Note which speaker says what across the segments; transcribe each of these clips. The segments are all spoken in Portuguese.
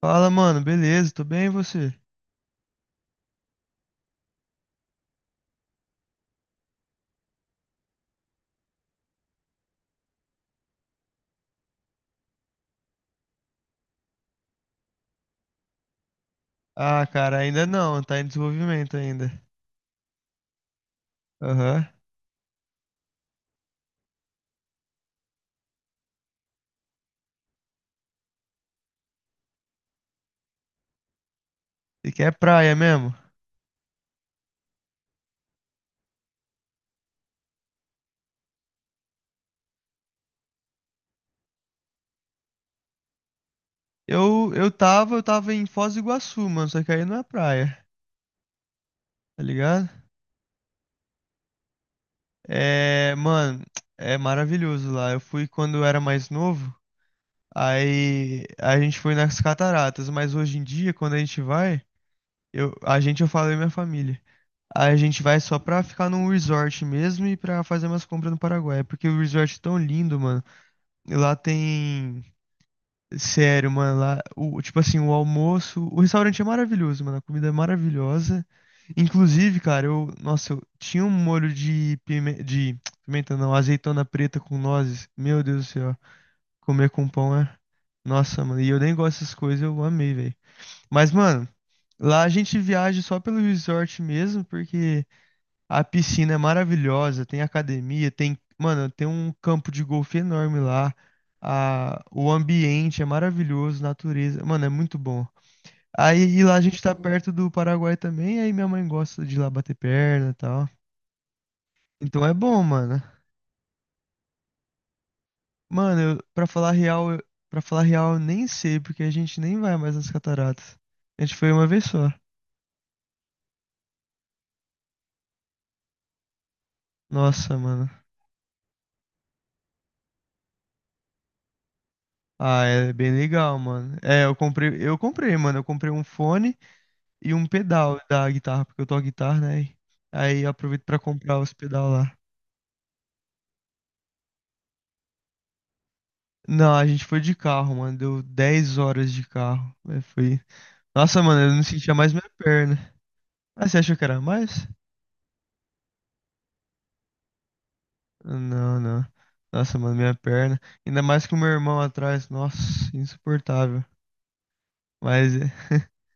Speaker 1: Fala, mano, beleza, tô bem e você? Ah, cara, ainda não, tá em desenvolvimento ainda. Aham. E que é praia mesmo? Eu tava em Foz do Iguaçu, mano, só que aí não é praia, tá ligado? É, mano, é maravilhoso lá. Eu fui quando eu era mais novo, aí a gente foi nas cataratas, mas hoje em dia, quando a gente vai, eu falo eu e minha família. A gente vai só pra ficar num resort mesmo e pra fazer umas compras no Paraguai, porque o resort é tão lindo, mano. E lá tem. Sério, mano, lá. Tipo assim, o almoço. O restaurante é maravilhoso, mano. A comida é maravilhosa. Inclusive, cara, eu. Nossa, eu tinha um molho de pimenta, não, azeitona preta com nozes. Meu Deus do céu. Comer com pão é. Nossa, mano. E eu nem gosto dessas coisas, eu amei, velho. Mas, mano, lá a gente viaja só pelo resort mesmo, porque. A piscina é maravilhosa, tem academia, mano, tem um campo de golfe enorme lá. O ambiente é maravilhoso, natureza, mano, é muito bom. Aí e lá a gente tá perto do Paraguai também, aí minha mãe gosta de ir lá bater perna e tal. Então é bom, mano. Mano, eu, pra falar real, eu nem sei, porque a gente nem vai mais nas cataratas. A gente foi uma vez só. Nossa, mano. Ah, é bem legal, mano. É, mano, eu comprei um fone. E um pedal da guitarra, porque eu toco guitarra, né? Aí eu aproveito pra comprar os pedal lá. Não, a gente foi de carro, mano. Deu 10 horas de carro, né. Foi. Nossa, mano, eu não sentia mais minha perna. Ah, você achou que era mais? Não, não. Nossa, mano, minha perna. Ainda mais que o meu irmão atrás. Nossa, insuportável. Mas é.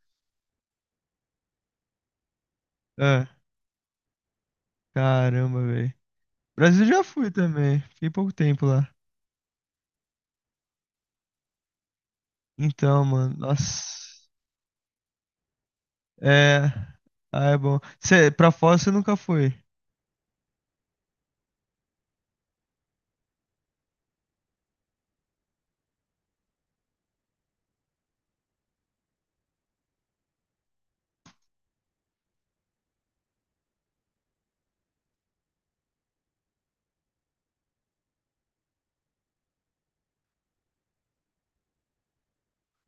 Speaker 1: Ah, caramba, velho. Brasil já fui também. Fiquei pouco tempo lá. Então, mano, nossa. É. Ah, é bom. Cê, pra fora você nunca foi?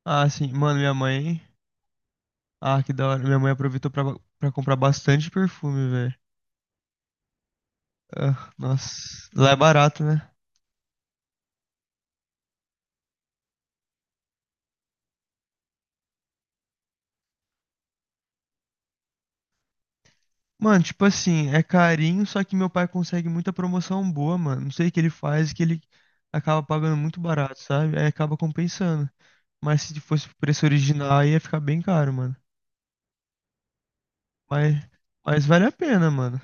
Speaker 1: Ah, sim. Mano, minha mãe. Ah, que da hora. Minha mãe aproveitou pra comprar bastante perfume, velho. Ah, nossa. Lá é barato, né? Mano, tipo assim, é carinho, só que meu pai consegue muita promoção boa, mano. Não sei o que ele faz, que ele acaba pagando muito barato, sabe? Aí acaba compensando. Mas se fosse o preço original, aí ia ficar bem caro, mano. Mas, mas vale a pena, mano.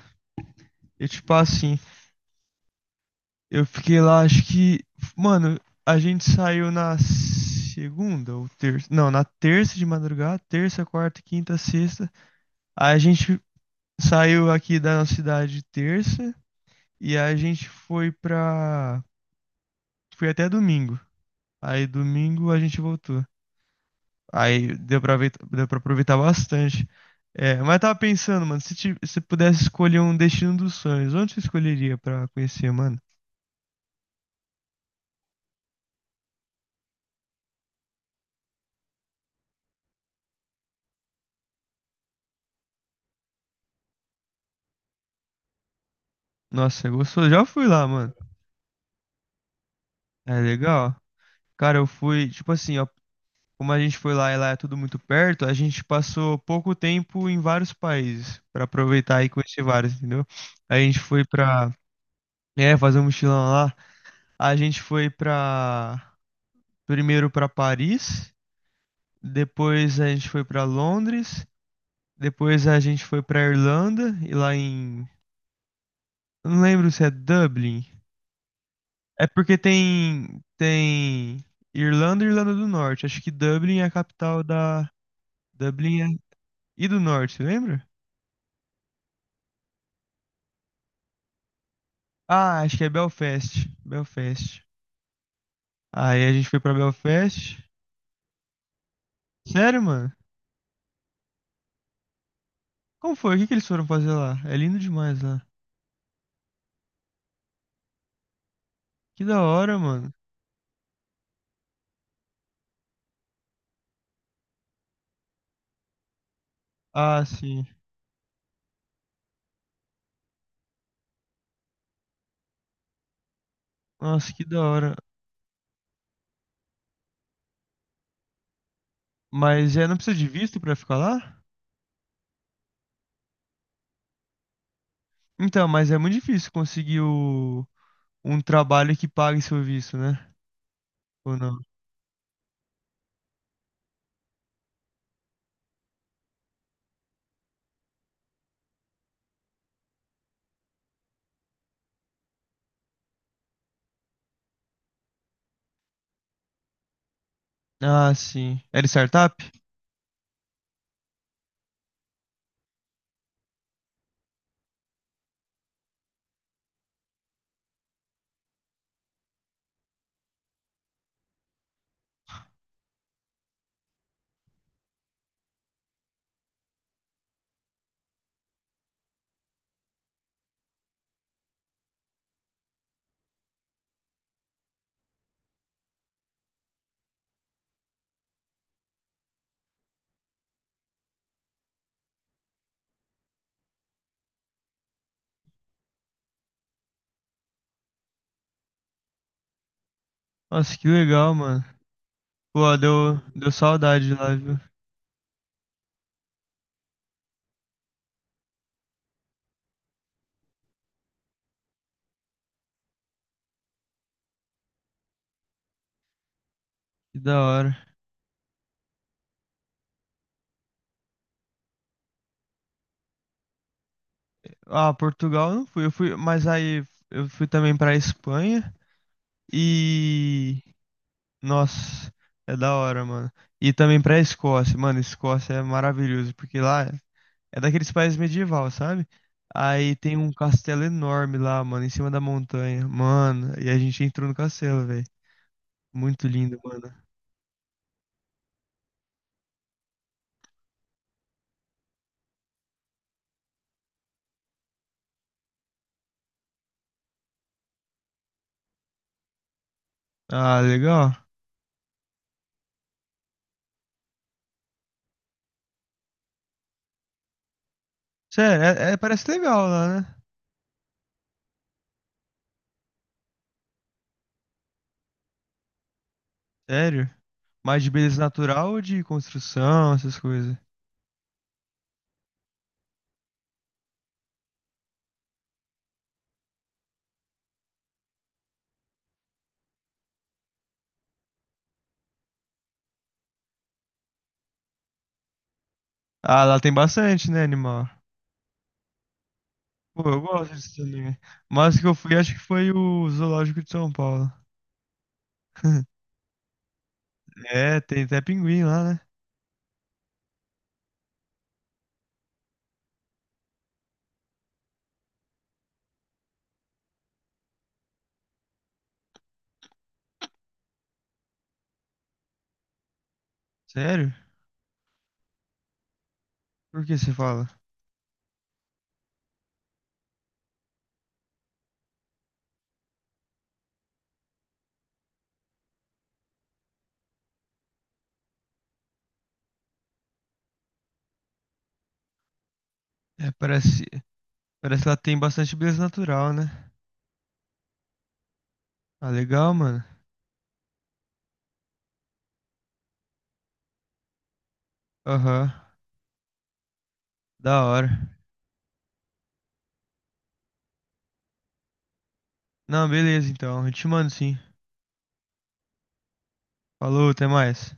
Speaker 1: E tipo assim. Eu fiquei lá, acho que. Mano, a gente saiu na segunda ou terça. Não, na terça de madrugada. Terça, quarta, quinta, sexta. Aí a gente saiu aqui da nossa cidade terça. E aí a gente foi pra. Foi até domingo. Aí domingo a gente voltou. Aí deu pra, aveit- Deu pra aproveitar bastante. É, mas eu tava pensando, mano, se pudesse escolher um destino dos sonhos, onde você escolheria pra conhecer, mano? Nossa, é gostoso. Já fui lá, mano. É legal. Cara, eu fui, tipo assim, ó, como a gente foi lá e lá é tudo muito perto, a gente passou pouco tempo em vários países pra aproveitar e conhecer vários, entendeu? A gente foi pra, fazer um mochilão lá. A gente foi pra, primeiro pra Paris, depois a gente foi pra Londres, depois a gente foi pra Irlanda e lá em, eu não lembro se é Dublin. É porque tem Irlanda e Irlanda do Norte. Acho que Dublin é a capital da. Dublin é. E do norte, lembra? Ah, acho que é Belfast. Belfast. Aí a gente foi pra Belfast. Sério, mano? Como foi? O que que eles foram fazer lá? É lindo demais lá. Que da hora, mano. Ah, sim. Nossa, que da hora. Mas é, não precisa de visto pra ficar lá? Então, mas é muito difícil conseguir um trabalho que pague seu visto, né? Ou não? Ah, sim. Era startup? Nossa, que legal, mano. Pô, deu saudade lá, viu? Que da hora. Ah, Portugal eu não fui, eu fui, mas aí eu fui também pra Espanha e nossa, é da hora, mano. E também pra Escócia, mano, Escócia é maravilhoso, porque lá é daqueles países medieval, sabe? Aí tem um castelo enorme lá, mano, em cima da montanha. Mano, e a gente entrou no castelo, velho. Muito lindo, mano. Ah, legal. Sério, parece legal lá, né? Sério. Mais de beleza natural ou de construção, essas coisas? Ah, lá tem bastante, né, animal? Pô, eu gosto disso também. Mas o que eu fui, acho que foi o Zoológico de São Paulo. É, tem até pinguim lá, né? Sério? Por que você fala? É, parece que lá tem bastante beleza natural, né? Ah, legal, mano. Aham, da hora. Não, beleza, então. Eu te mando sim. Falou, até mais.